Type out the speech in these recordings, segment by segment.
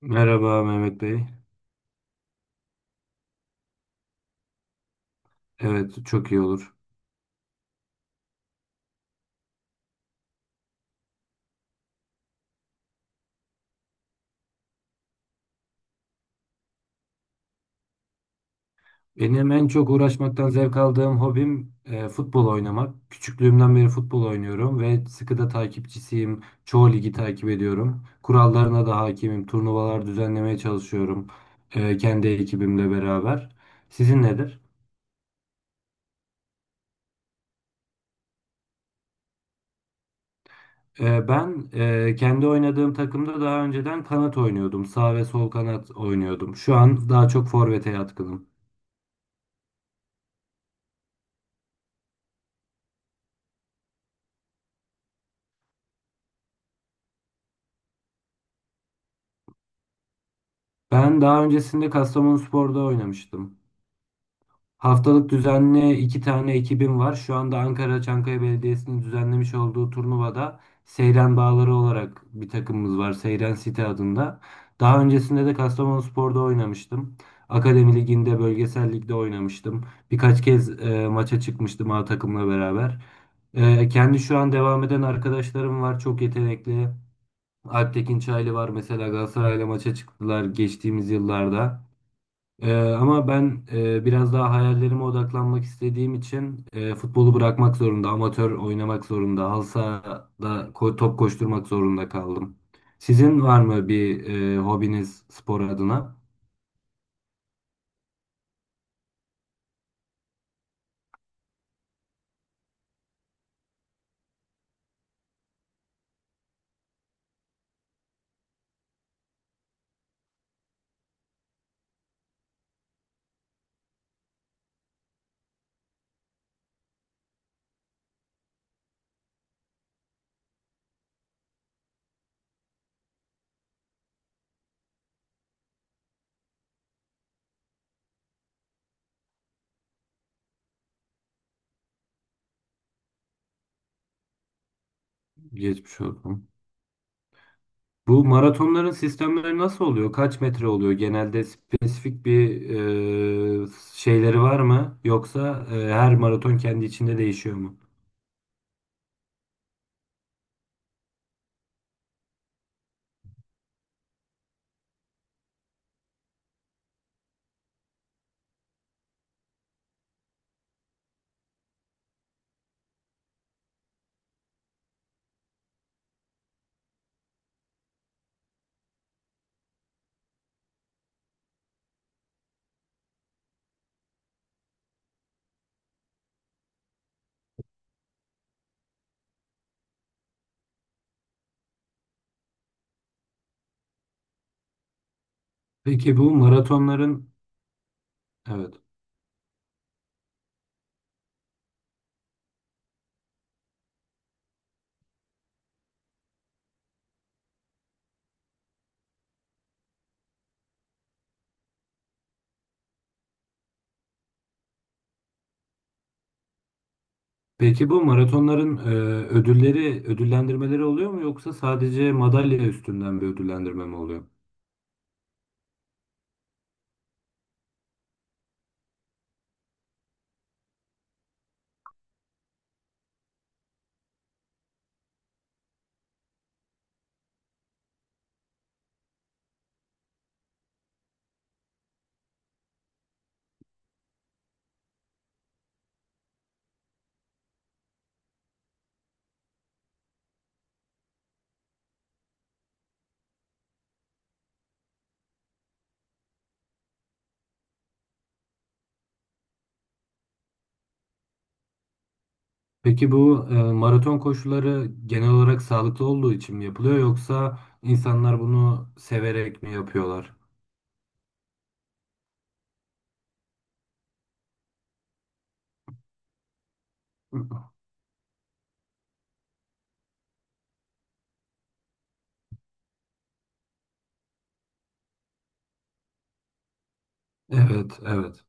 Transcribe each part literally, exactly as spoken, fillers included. Merhaba Mehmet Bey. Evet, çok iyi olur. Benim en çok uğraşmaktan zevk aldığım hobim e, futbol oynamak. Küçüklüğümden beri futbol oynuyorum ve sıkı da takipçisiyim. Çoğu ligi takip ediyorum. Kurallarına da hakimim. Turnuvalar düzenlemeye çalışıyorum e, kendi ekibimle beraber. Sizin nedir? E, ben e, kendi oynadığım takımda daha önceden kanat oynuyordum. Sağ ve sol kanat oynuyordum. Şu an daha çok forvete yatkınım. Ben daha öncesinde Kastamonuspor'da oynamıştım. Haftalık düzenli iki tane ekibim var. Şu anda Ankara Çankaya Belediyesi'nin düzenlemiş olduğu turnuvada Seyran Bağları olarak bir takımımız var. Seyran City adında. Daha öncesinde de Kastamonuspor'da oynamıştım. Akademi Ligi'nde, bölgesel ligde oynamıştım. Birkaç kez e, maça çıkmıştım A takımla beraber. E, kendi şu an devam eden arkadaşlarım var. Çok yetenekli. Alptekin Çaylı var mesela Galatasaray'la maça çıktılar geçtiğimiz yıllarda. Ee, ama ben e, biraz daha hayallerime odaklanmak istediğim için e, futbolu bırakmak zorunda, amatör oynamak zorunda, halı sahada ko- top koşturmak zorunda kaldım. Sizin var mı bir e, hobiniz spor adına? Geçmiş olsun. Bu maratonların sistemleri nasıl oluyor? Kaç metre oluyor? Genelde spesifik bir e, şeyleri var mı? Yoksa e, her maraton kendi içinde değişiyor mu? Peki bu maratonların evet. Peki bu maratonların e, ödülleri, ödüllendirmeleri oluyor mu yoksa sadece madalya üstünden bir ödüllendirme mi oluyor? Peki bu e, maraton koşuları genel olarak sağlıklı olduğu için mi yapılıyor yoksa insanlar bunu severek mi yapıyorlar? Evet, evet.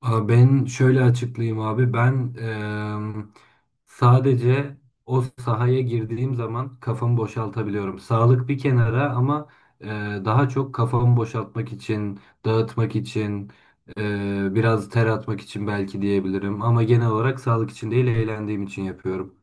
Aa, ben şöyle açıklayayım abi. Ben em, sadece o sahaya girdiğim zaman kafamı boşaltabiliyorum. Sağlık bir kenara ama e, daha çok kafamı boşaltmak için, dağıtmak için, e, biraz ter atmak için belki diyebilirim. Ama genel olarak sağlık için değil, eğlendiğim için yapıyorum.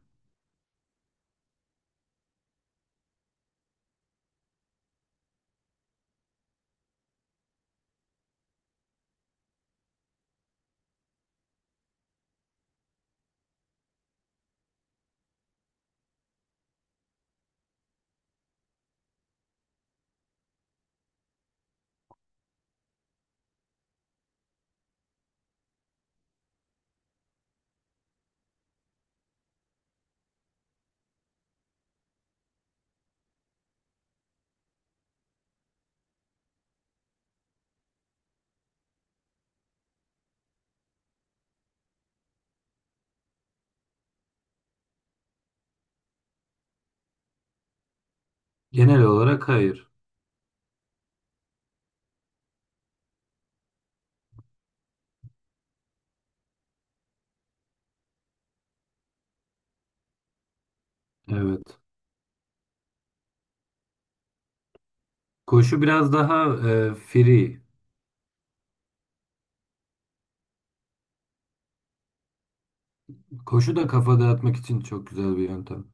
Genel olarak hayır. Evet. Koşu biraz daha e, free. Koşu da kafa dağıtmak için çok güzel bir yöntem.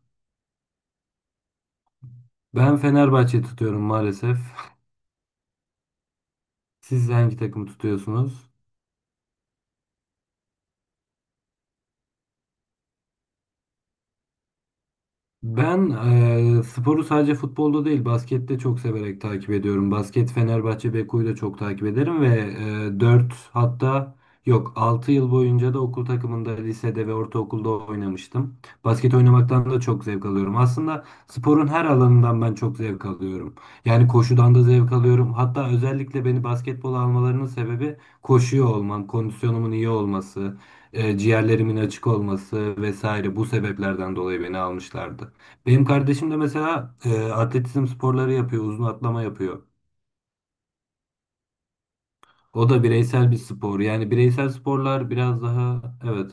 Ben Fenerbahçe tutuyorum maalesef. Siz hangi takımı tutuyorsunuz? Ben eee, sporu sadece futbolda değil baskette çok severek takip ediyorum. Basket Fenerbahçe Beko'yu da çok takip ederim ve e, dört hatta yok altı yıl boyunca da okul takımında lisede ve ortaokulda oynamıştım. Basket oynamaktan da çok zevk alıyorum. Aslında sporun her alanından ben çok zevk alıyorum. Yani koşudan da zevk alıyorum. Hatta özellikle beni basketbola almalarının sebebi koşuyor olmam, kondisyonumun iyi olması, eee, ciğerlerimin açık olması vesaire bu sebeplerden dolayı beni almışlardı. Benim kardeşim de mesela e, atletizm sporları yapıyor, uzun atlama yapıyor. O da bireysel bir spor. Yani bireysel sporlar biraz daha evet.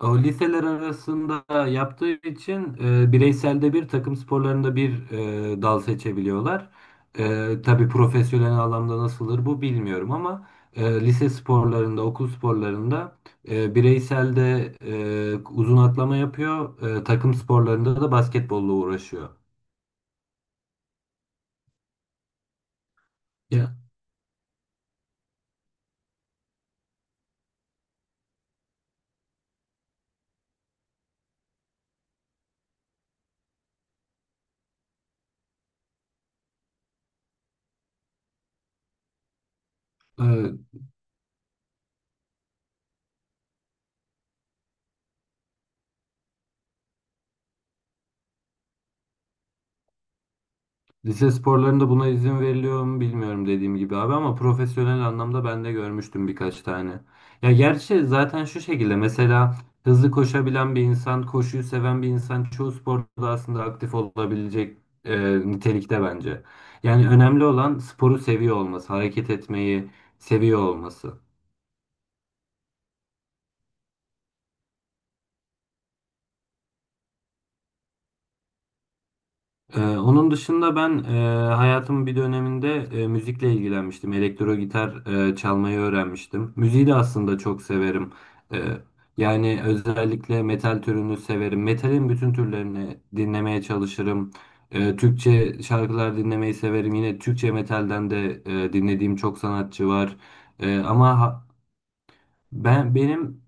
O liseler arasında yaptığı için e, bireyselde bir takım sporlarında bir e, dal seçebiliyorlar. E, tabii profesyonel anlamda nasıldır bu bilmiyorum ama e, lise sporlarında, okul sporlarında e, bireyselde e, uzun atlama yapıyor. E, takım sporlarında da basketbolla uğraşıyor. Ya. Evet. Lise sporlarında buna izin veriliyor mu bilmiyorum dediğim gibi abi ama profesyonel anlamda ben de görmüştüm birkaç tane. Ya gerçi zaten şu şekilde mesela hızlı koşabilen bir insan, koşuyu seven bir insan çoğu sporda aslında aktif olabilecek e, nitelikte bence. Yani önemli olan sporu seviyor olması, hareket etmeyi seviyor olması. Ee, onun dışında ben e, hayatımın bir döneminde e, müzikle ilgilenmiştim. Elektro gitar e, çalmayı öğrenmiştim. Müziği de aslında çok severim. Ee, yani özellikle metal türünü severim. Metalin bütün türlerini dinlemeye çalışırım. Ee, Türkçe şarkılar dinlemeyi severim. Yine Türkçe metalden de e, dinlediğim çok sanatçı var. Ee, ama ha- ben benim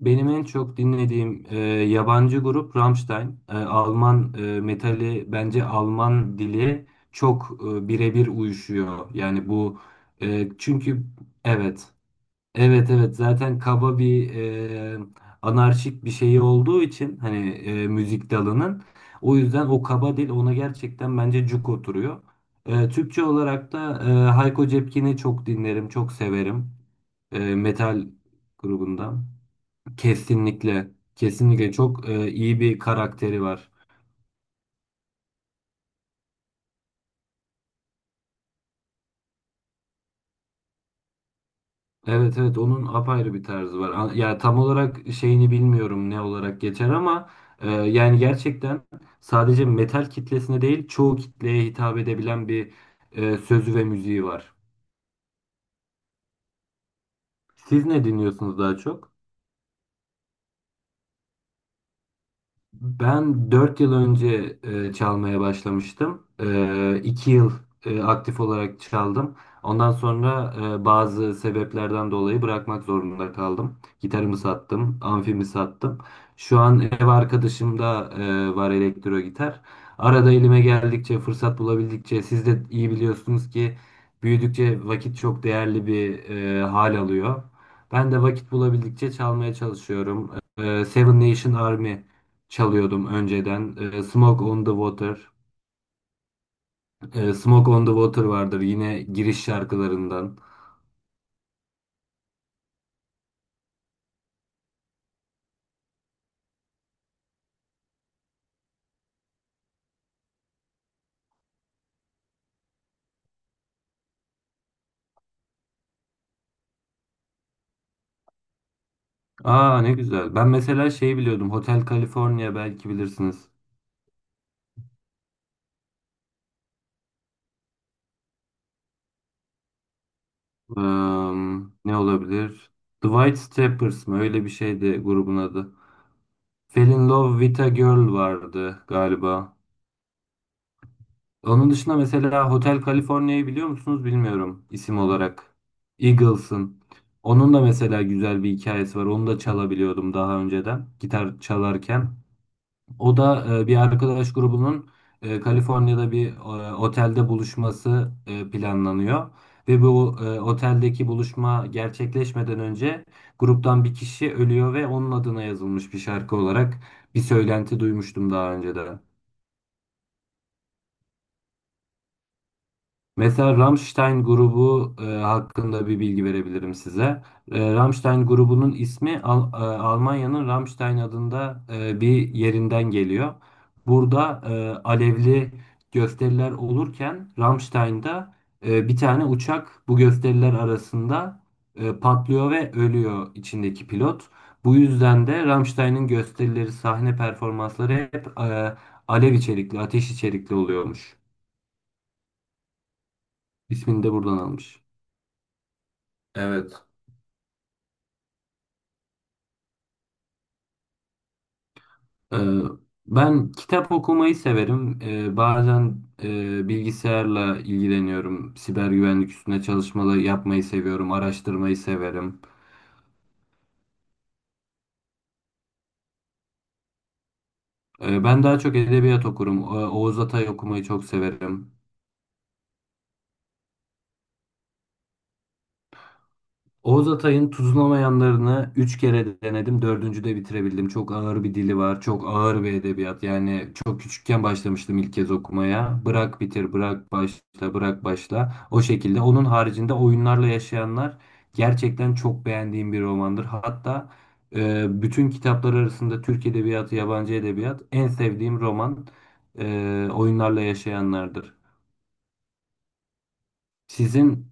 benim en çok dinlediğim e, yabancı grup Rammstein. E, Alman e, metali bence Alman dili çok e, birebir uyuşuyor. Yani bu e, çünkü evet, evet, evet, zaten kaba bir e, anarşik bir şeyi olduğu için hani e, müzik dalının o yüzden o kaba dil ona gerçekten bence cuk oturuyor. E, Türkçe olarak da e, Hayko Cepkin'i çok dinlerim, çok severim. E, metal grubundan. Kesinlikle. Kesinlikle çok e, iyi bir karakteri var. Evet, evet, onun apayrı bir tarzı var. An- Ya tam olarak şeyini bilmiyorum ne olarak geçer ama e, yani gerçekten sadece metal kitlesine değil çoğu kitleye hitap edebilen bir e, sözü ve müziği var. Siz ne dinliyorsunuz daha çok? Ben dört yıl önce e, çalmaya başlamıştım. E, iki yıl e, aktif olarak çaldım. Ondan sonra e, bazı sebeplerden dolayı bırakmak zorunda kaldım. Gitarımı sattım, amfimi sattım. Şu an ev arkadaşım da e, var elektro gitar. Arada elime geldikçe, fırsat bulabildikçe, siz de iyi biliyorsunuz ki büyüdükçe vakit çok değerli bir e, hal alıyor. Ben de vakit bulabildikçe çalmaya çalışıyorum. E, Seven Nation Army çalıyordum önceden. Ee, Smoke on the Water. Ee, Smoke on the Water vardır yine giriş şarkılarından. Aa ne güzel. Ben mesela şeyi biliyordum. Hotel California belki bilirsiniz. Ee, ne olabilir? The White Stripes mı? Öyle bir şeydi grubun adı. Fell in Love with a Girl vardı galiba. Onun dışında mesela Hotel California'yı biliyor musunuz bilmiyorum isim olarak. Eagles'ın. Onun da mesela güzel bir hikayesi var. Onu da çalabiliyordum daha önceden gitar çalarken. O da e, bir arkadaş grubunun e, Kaliforniya'da bir e, otelde buluşması e, planlanıyor. Ve bu e, oteldeki buluşma gerçekleşmeden önce gruptan bir kişi ölüyor ve onun adına yazılmış bir şarkı olarak bir söylenti duymuştum daha önce de. Mesela Rammstein grubu e, hakkında bir bilgi verebilirim size. E, Rammstein grubunun ismi Al- e, Almanya'nın Rammstein adında e, bir yerinden geliyor. Burada e, alevli gösteriler olurken Rammstein'da e, bir tane uçak bu gösteriler arasında e, patlıyor ve ölüyor içindeki pilot. Bu yüzden de Rammstein'in gösterileri, sahne performansları hep e, alev içerikli, ateş içerikli oluyormuş. İsmini de buradan almış. Evet. Ee, ben kitap okumayı severim. Ee, bazen e, bilgisayarla ilgileniyorum. Siber güvenlik üstüne çalışmalar yapmayı seviyorum. Araştırmayı severim. Ee, ben daha çok edebiyat okurum. Ee, Oğuz Atay okumayı çok severim. Oğuz Atay'ın Tuzlamayanlarını üç kere denedim. Dördüncüde bitirebildim. Çok ağır bir dili var. Çok ağır bir edebiyat. Yani çok küçükken başlamıştım ilk kez okumaya. Bırak bitir, bırak başla, bırak başla. O şekilde. Onun haricinde Oyunlarla Yaşayanlar gerçekten çok beğendiğim bir romandır. Hatta e, bütün kitaplar arasında Türk Edebiyatı, yabancı edebiyat en sevdiğim roman e, Oyunlarla Yaşayanlardır. Sizin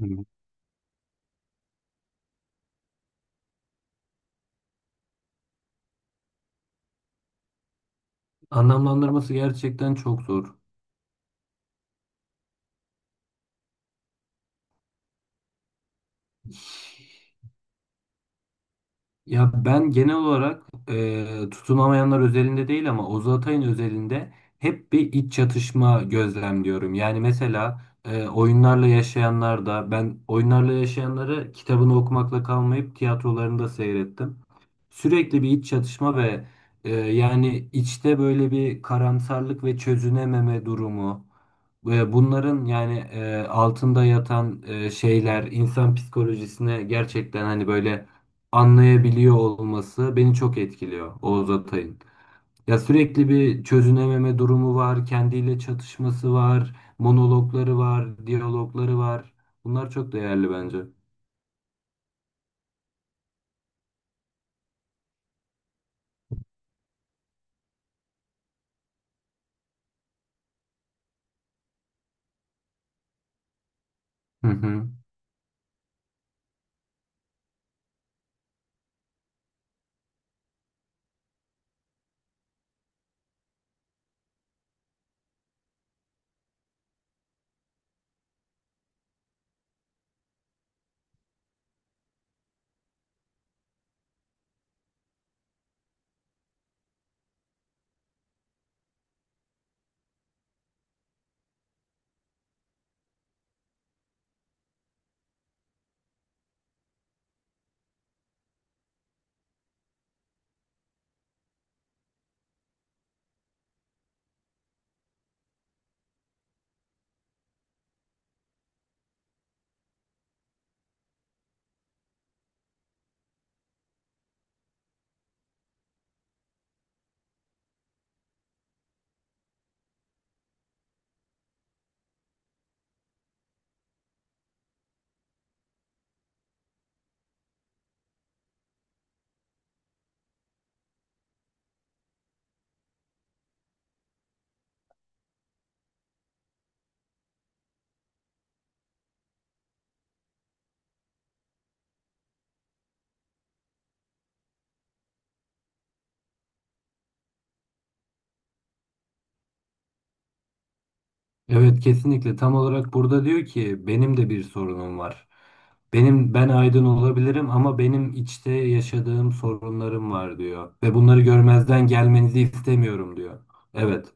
Hı. Anlamlandırması gerçekten çok zor. Ya ben genel olarak e, tutunamayanlar özelinde değil ama Oğuz Atay'ın özelinde hep bir iç çatışma gözlemliyorum. Yani mesela e, oyunlarla yaşayanlar da ben oyunlarla yaşayanları kitabını okumakla kalmayıp tiyatrolarını da seyrettim. Sürekli bir iç çatışma ve e, yani içte böyle bir karamsarlık ve çözünememe durumu. Ve bunların yani e, altında yatan e, şeyler insan psikolojisine gerçekten hani böyle anlayabiliyor olması beni çok etkiliyor Oğuz Atay'ın. Ya sürekli bir çözünememe durumu var, kendiyle çatışması var, monologları var, diyalogları var. Bunlar çok değerli bence. Hı hı. Evet, kesinlikle tam olarak burada diyor ki benim de bir sorunum var. Benim ben aydın olabilirim ama benim içte yaşadığım sorunlarım var diyor ve bunları görmezden gelmenizi istemiyorum diyor. Evet.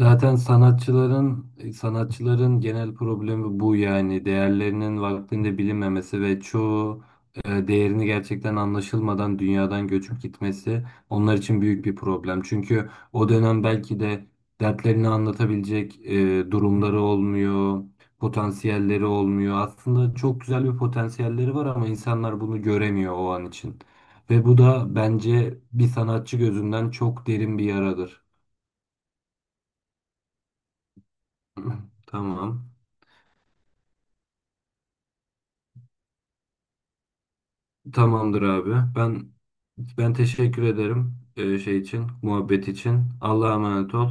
Zaten sanatçıların e, sanatçıların genel problemi bu yani değerlerinin vaktinde bilinmemesi ve çoğu e, değerini gerçekten anlaşılmadan dünyadan göçüp gitmesi onlar için büyük bir problem. Çünkü o dönem belki de dertlerini anlatabilecek e, durumları olmuyor, potansiyelleri olmuyor. Aslında çok güzel bir potansiyelleri var ama insanlar bunu göremiyor o an için. Ve bu da bence bir sanatçı gözünden çok derin bir yaradır. Tamam. Tamamdır abi. Ben ben teşekkür ederim e, şey için, muhabbet için. Allah'a emanet ol.